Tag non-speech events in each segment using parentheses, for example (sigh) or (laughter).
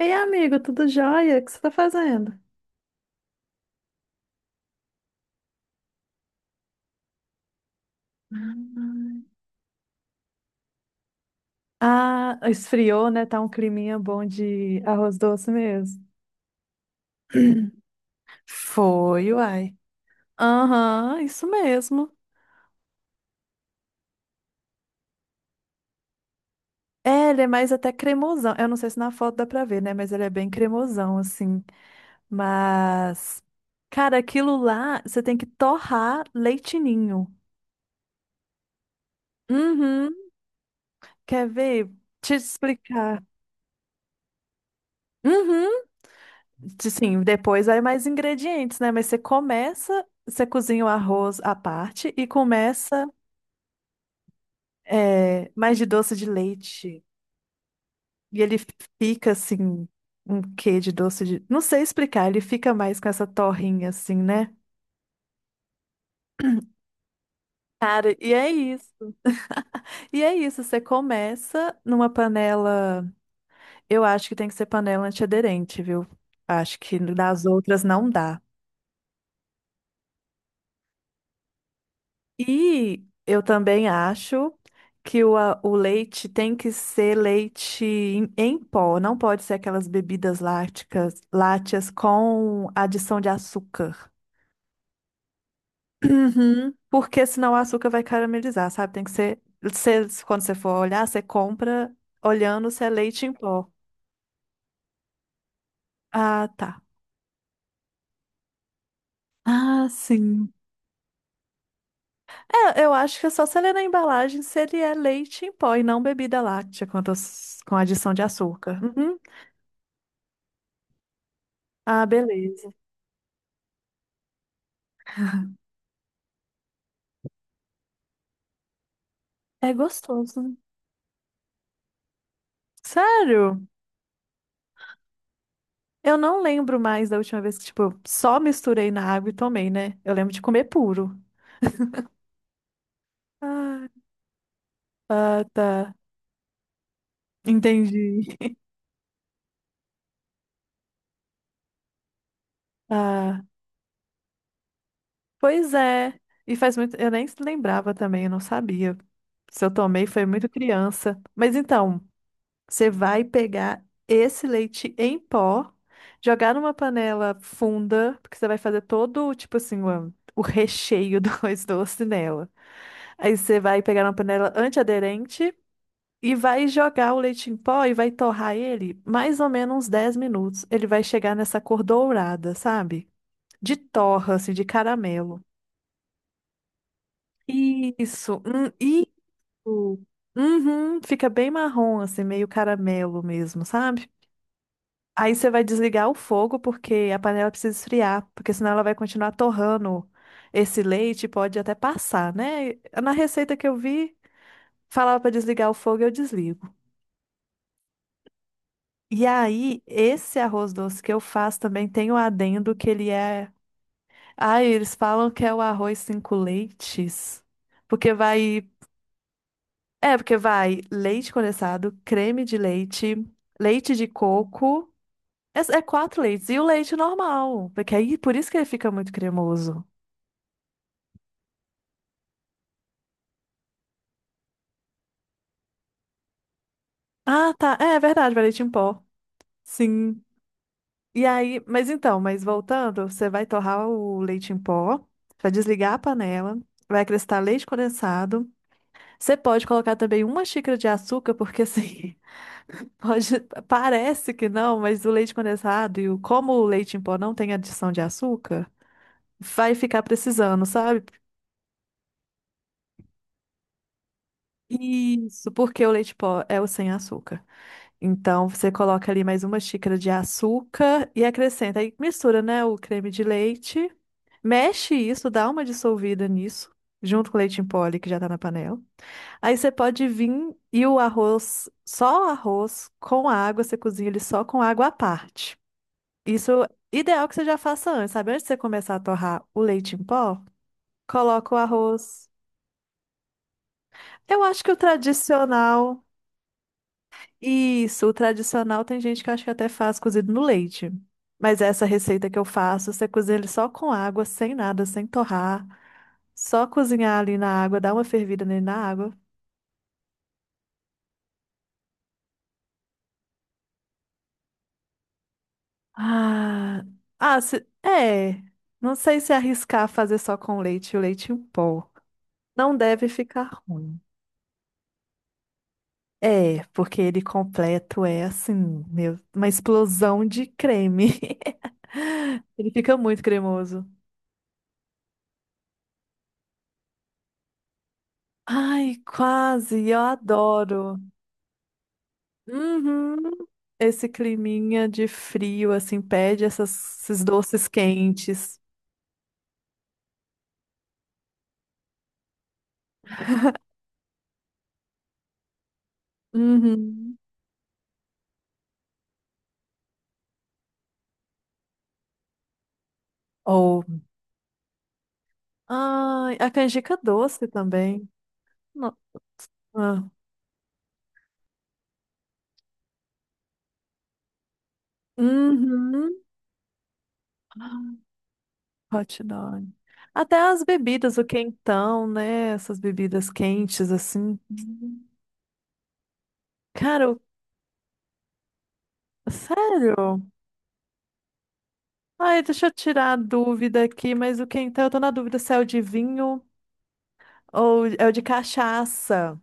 Ei, amigo, tudo jóia? O que você tá fazendo? Ah, esfriou, né? Tá um climinha bom de arroz doce mesmo. (clears throat) Foi, uai. Aham, isso mesmo. É, ele é mais até cremosão. Eu não sei se na foto dá pra ver, né? Mas ele é bem cremosão, assim. Mas, cara, aquilo lá, você tem que torrar leitinho. Uhum. Quer ver? Te explicar. Uhum. Sim, depois vai mais ingredientes, né? Mas você começa, você cozinha o arroz à parte e começa é, mais de doce de leite. E ele fica assim, um quê de doce de. Não sei explicar, ele fica mais com essa torrinha assim, né? Cara, e é isso. E é isso, você começa numa panela. Eu acho que tem que ser panela antiaderente, viu? Acho que das outras não dá. E eu também acho que o leite tem que ser leite em pó, não pode ser aquelas bebidas lácteas com adição de açúcar. Uhum. Porque senão o açúcar vai caramelizar, sabe? Tem que ser, quando você for olhar, você compra olhando se é leite em pó. Ah, tá. Ah, sim. É, eu acho que é só você ler na embalagem se ele é leite em pó e não bebida láctea com adição de açúcar. Uhum. Ah, beleza. É gostoso. Sério? Eu não lembro mais da última vez que, tipo, eu só misturei na água e tomei, né? Eu lembro de comer puro. Ah, ah, tá. Entendi. Ah, pois é. E faz muito. Eu nem se lembrava também, eu não sabia. Se eu tomei, foi muito criança. Mas então. Você vai pegar esse leite em pó, jogar numa panela funda, porque você vai fazer todo, tipo assim, o recheio do (laughs) arroz doce nela. Aí você vai pegar uma panela antiaderente e vai jogar o leite em pó e vai torrar ele mais ou menos uns 10 minutos. Ele vai chegar nessa cor dourada, sabe? De torra, assim, de caramelo. Isso, isso. Uhum, fica bem marrom, assim, meio caramelo mesmo, sabe? Aí você vai desligar o fogo porque a panela precisa esfriar, porque senão ela vai continuar torrando esse leite, e pode até passar, né? Na receita que eu vi, falava para desligar o fogo, eu desligo. E aí, esse arroz doce que eu faço também tem o adendo que ele é, ah, eles falam que é o arroz cinco leites, porque vai, porque vai leite condensado, creme de leite, leite de coco, é quatro leites e o leite normal, porque aí por isso que ele fica muito cremoso. Ah, tá. É verdade, vai leite em pó. Sim. E aí, mas então, mas voltando, você vai torrar o leite em pó, vai desligar a panela, vai acrescentar leite condensado. Você pode colocar também uma xícara de açúcar, porque assim, (laughs) pode, parece que não, mas o leite condensado e como o leite em pó não tem adição de açúcar, vai ficar precisando, sabe? Isso, porque o leite em pó é o sem açúcar. Então, você coloca ali mais uma xícara de açúcar e acrescenta. Aí mistura, né, o creme de leite. Mexe isso, dá uma dissolvida nisso, junto com o leite em pó ali que já tá na panela. Aí você pode vir e o arroz, só o arroz com água, você cozinha ele só com água à parte. Isso é ideal que você já faça antes, sabe? Antes de você começar a torrar o leite em pó, coloca o arroz. Eu acho que o tradicional. Isso, o tradicional tem gente que acha que até faz cozido no leite. Mas essa receita que eu faço, você cozinha ele só com água, sem nada, sem torrar. Só cozinhar ali na água, dar uma fervida nele na água. Ah, é. Não sei se arriscar fazer só com leite, o leite em pó. Não deve ficar ruim. É, porque ele completo é assim, meu, uma explosão de creme. (laughs) Ele fica muito cremoso. Ai, quase, eu adoro. Uhum. Esse climinha de frio, assim, pede esses doces quentes. Uhum. Ou. Ai, a canjica doce também. No- ah. Uhum. Hot dog. Até as bebidas, o quentão, né? Essas bebidas quentes, assim. Uhum. Cara, sério? Ai, deixa eu tirar a dúvida aqui, mas o quentão, eu tô na dúvida se é o de vinho ou é o de cachaça.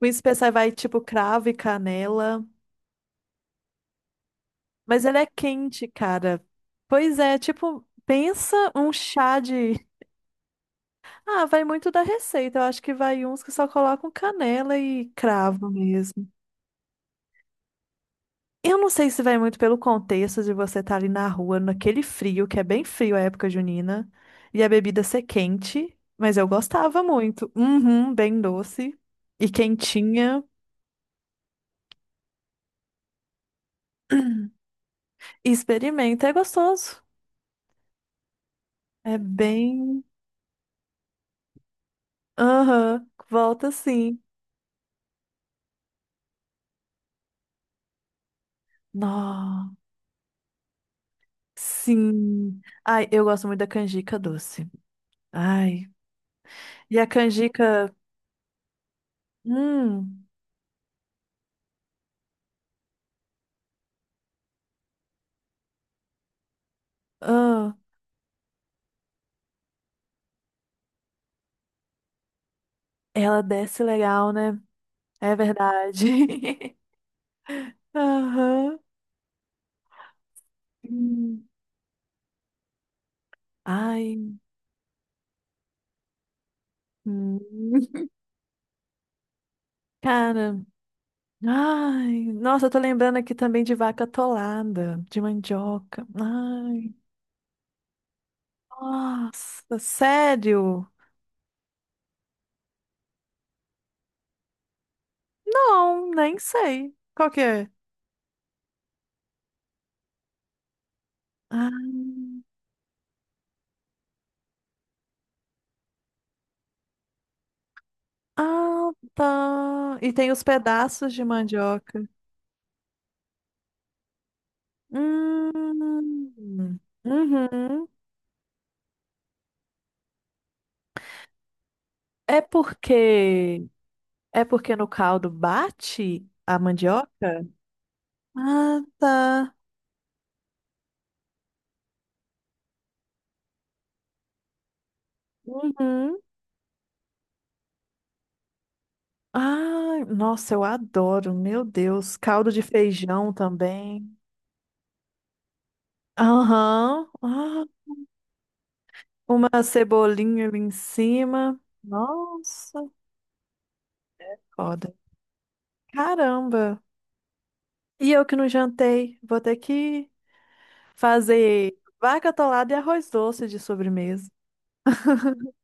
O especial vai tipo cravo e canela, mas ele é quente, cara. Pois é, tipo, pensa um chá de. Ah, vai muito da receita. Eu acho que vai uns que só colocam canela e cravo mesmo. Eu não sei se vai muito pelo contexto de você estar ali na rua, naquele frio, que é bem frio a época junina, e a bebida ser quente, mas eu gostava muito. Uhum, bem doce e quentinha. (clears throat) Experimenta, é gostoso. É bem. Aham, volta sim. Nó, sim. Ai, eu gosto muito da canjica doce. Ai. E a canjica, hum, ah, ela desce legal, né? É verdade. (laughs) Aham. Hum. Ai. Hum. (laughs) Cara, ai, nossa, eu tô lembrando aqui também de vaca atolada, de mandioca. Ai, nossa, sério? Não, nem sei. Qual que é? Ah, ah, tá. E tem os pedaços de mandioca. Hum, uhum. É porque é porque no caldo bate a mandioca? Ah, tá. Uhum. Ah, nossa, eu adoro. Meu Deus, caldo de feijão também. Aham. Ah, uma cebolinha ali em cima. Nossa, foda. Caramba. E eu que não jantei, vou ter que fazer vaca atolada e arroz doce de sobremesa. (laughs)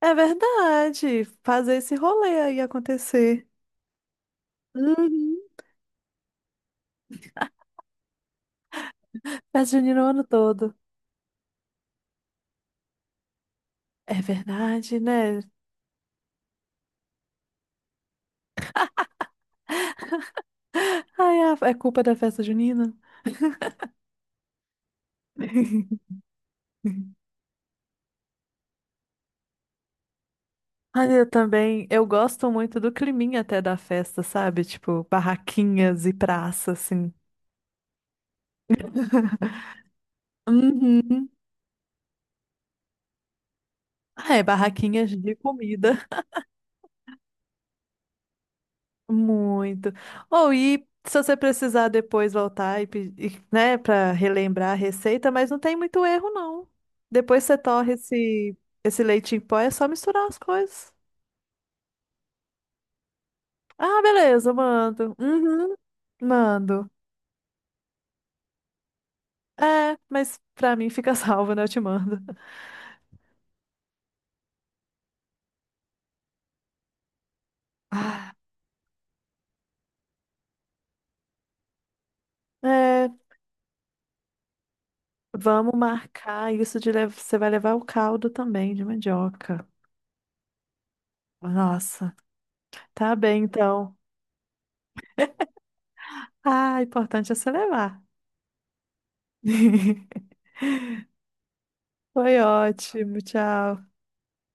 É verdade, fazer esse rolê aí acontecer. Uhum. Festa junina o ano todo. É verdade, né? Ai, é culpa da festa junina. (laughs) Ai, eu também, eu gosto muito do climinha até da festa, sabe? Tipo, barraquinhas e praça, assim. Uhum. Ah, é, barraquinhas de comida. Muito. Ou e se você precisar depois voltar e, né, para relembrar a receita, mas não tem muito erro, não. Depois você torre esse leite em pó, é só misturar as coisas. Ah, beleza, mando. Uhum, mando. É, mas pra mim fica (laughs) salvo, né? Eu te mando. Ah, é, vamos marcar isso de você vai levar o caldo também de mandioca. Nossa, tá bem então. Ah, importante é você levar. (laughs) Foi ótimo, tchau.